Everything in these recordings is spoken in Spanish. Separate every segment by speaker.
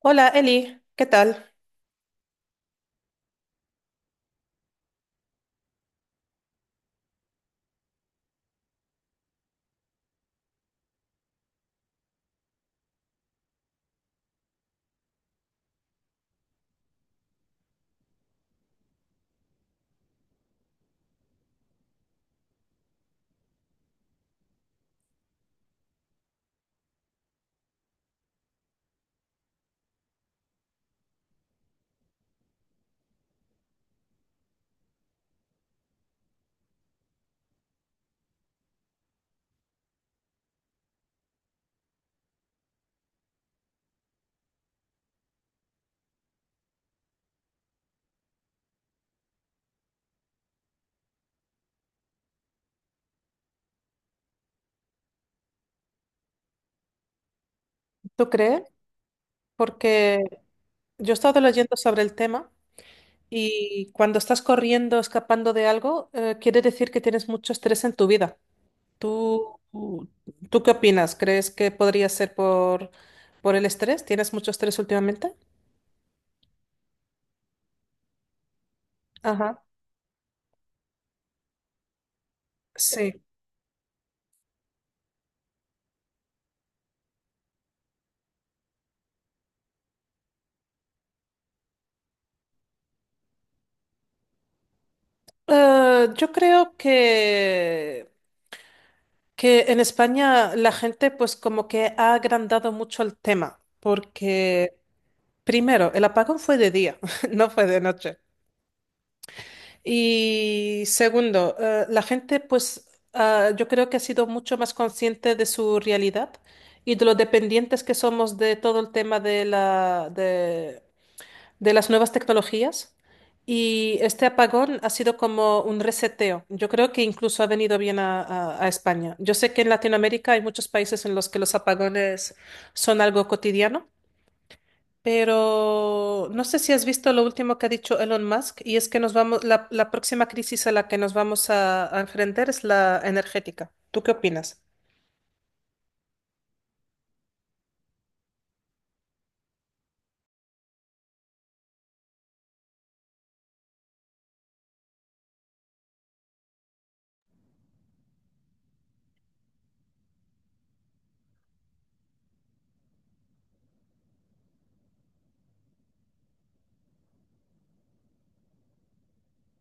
Speaker 1: Hola Eli, ¿qué tal? ¿Tú crees? Porque yo he estado leyendo sobre el tema y cuando estás corriendo, escapando de algo, quiere decir que tienes mucho estrés en tu vida. ¿Tú, tú qué opinas? ¿Crees que podría ser por el estrés? ¿Tienes mucho estrés últimamente? Ajá, sí. Yo creo que en España la gente pues como que ha agrandado mucho el tema porque... Primero, el apagón fue de día, no fue de noche. Y segundo, la gente, pues, ah, yo creo que ha sido mucho más consciente de su realidad y de lo dependientes que somos de todo el tema de la, de las nuevas tecnologías. Y este apagón ha sido como un reseteo. Yo creo que incluso ha venido bien a, a España. Yo sé que en Latinoamérica hay muchos países en los que los apagones son algo cotidiano. Pero no sé si has visto lo último que ha dicho Elon Musk, y es que nos vamos, la próxima crisis a la que nos vamos a enfrentar es la energética. ¿Tú qué opinas?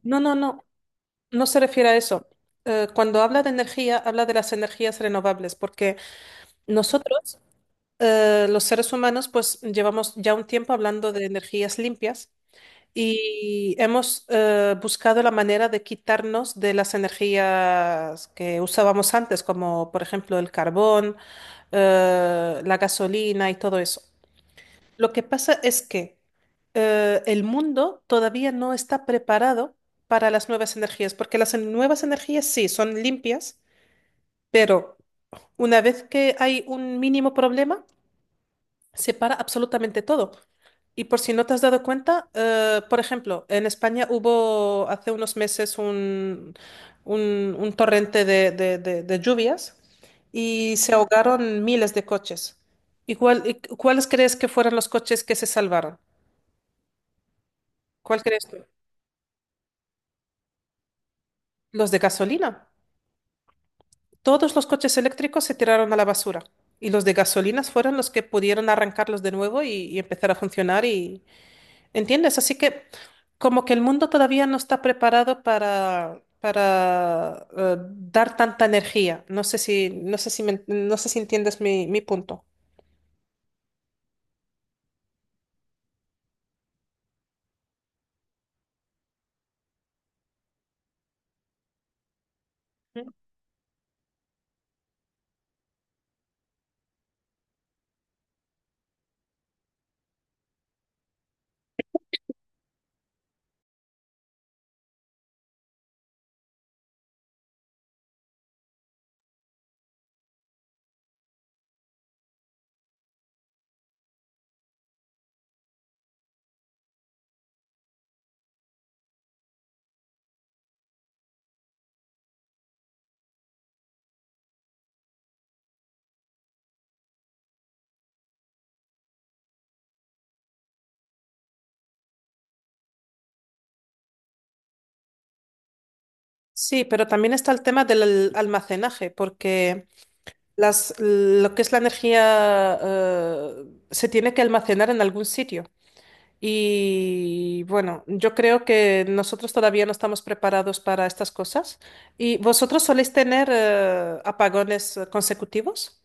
Speaker 1: No, no, no, no se refiere a eso. Cuando habla de energía, habla de las energías renovables, porque nosotros, los seres humanos, pues llevamos ya un tiempo hablando de energías limpias y hemos buscado la manera de quitarnos de las energías que usábamos antes, como por ejemplo el carbón, la gasolina y todo eso. Lo que pasa es que el mundo todavía no está preparado para las nuevas energías, porque las nuevas energías sí son limpias, pero una vez que hay un mínimo problema, separa absolutamente todo. Y por si no te has dado cuenta, por ejemplo, en España hubo hace unos meses un, un torrente de, de lluvias y se ahogaron miles de coches. ¿Y cuáles crees que fueron los coches que se salvaron? ¿Cuál crees tú? Los de gasolina. Todos los coches eléctricos se tiraron a la basura y los de gasolinas fueron los que pudieron arrancarlos de nuevo y empezar a funcionar. ¿Entiendes? Así que como que el mundo todavía no está preparado para dar tanta energía. No sé si, no sé si entiendes mi, mi punto. Sí, pero también está el tema del almacenaje, porque las, lo que es la energía se tiene que almacenar en algún sitio. Y bueno, yo creo que nosotros todavía no estamos preparados para estas cosas. ¿Y vosotros soléis tener apagones consecutivos?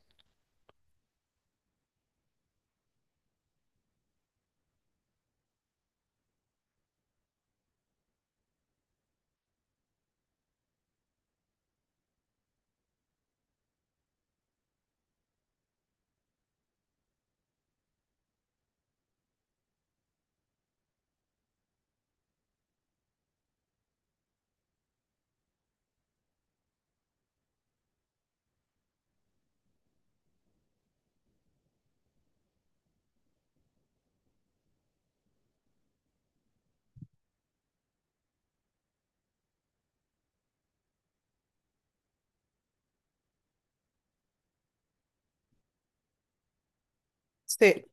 Speaker 1: Sí,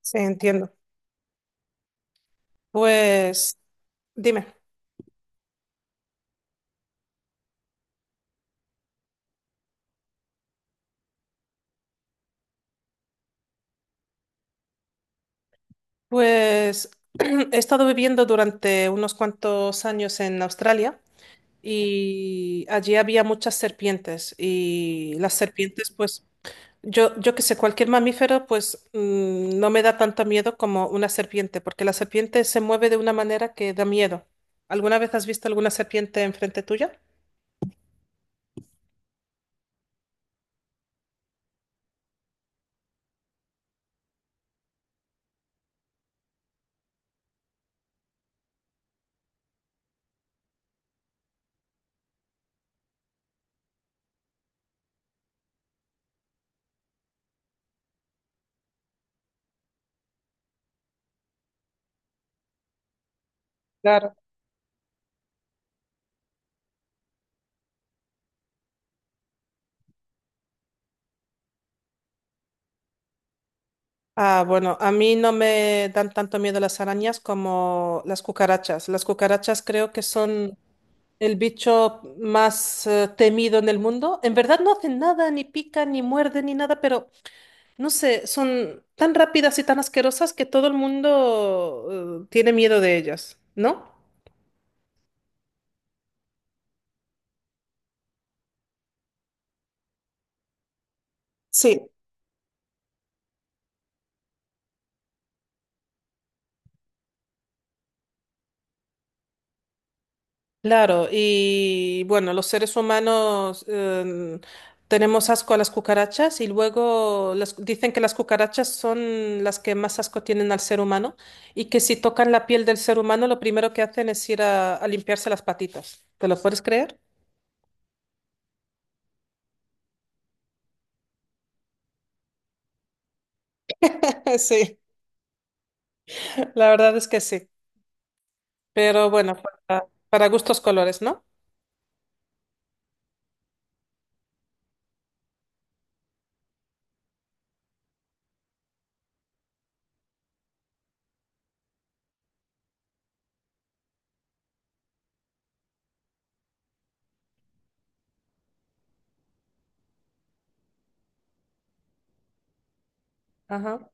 Speaker 1: sí, entiendo. Pues, dime, pues he estado viviendo durante unos cuantos años en Australia y allí había muchas serpientes y las serpientes, pues, yo que sé, cualquier mamífero, pues, mm, no me da tanto miedo como una serpiente, porque la serpiente se mueve de una manera que da miedo. ¿Alguna vez has visto alguna serpiente enfrente tuya? Claro. Ah, bueno, a mí no me dan tanto miedo las arañas como las cucarachas. Las cucarachas creo que son el bicho más temido en el mundo. En verdad no hacen nada, ni pican, ni muerden, ni nada, pero no sé, son tan rápidas y tan asquerosas que todo el mundo tiene miedo de ellas, ¿no? Sí, claro, y bueno, los seres humanos tenemos asco a las cucarachas y luego dicen que las cucarachas son las que más asco tienen al ser humano y que si tocan la piel del ser humano lo primero que hacen es ir a limpiarse las patitas. ¿Te lo puedes creer? sí. La verdad es que sí, pero bueno, para gustos colores, ¿no? Ajá.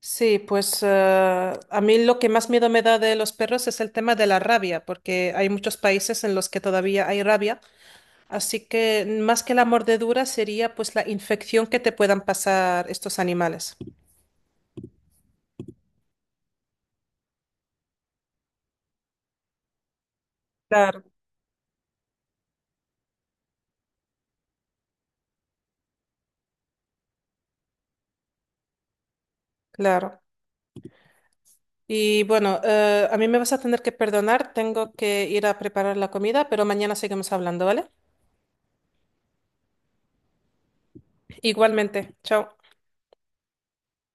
Speaker 1: Sí, pues a mí lo que más miedo me da de los perros es el tema de la rabia, porque hay muchos países en los que todavía hay rabia, así que más que la mordedura sería pues la infección que te puedan pasar estos animales. Claro. Claro. Y bueno, a mí me vas a tener que perdonar, tengo que ir a preparar la comida, pero mañana seguimos hablando, ¿vale? Igualmente, chao.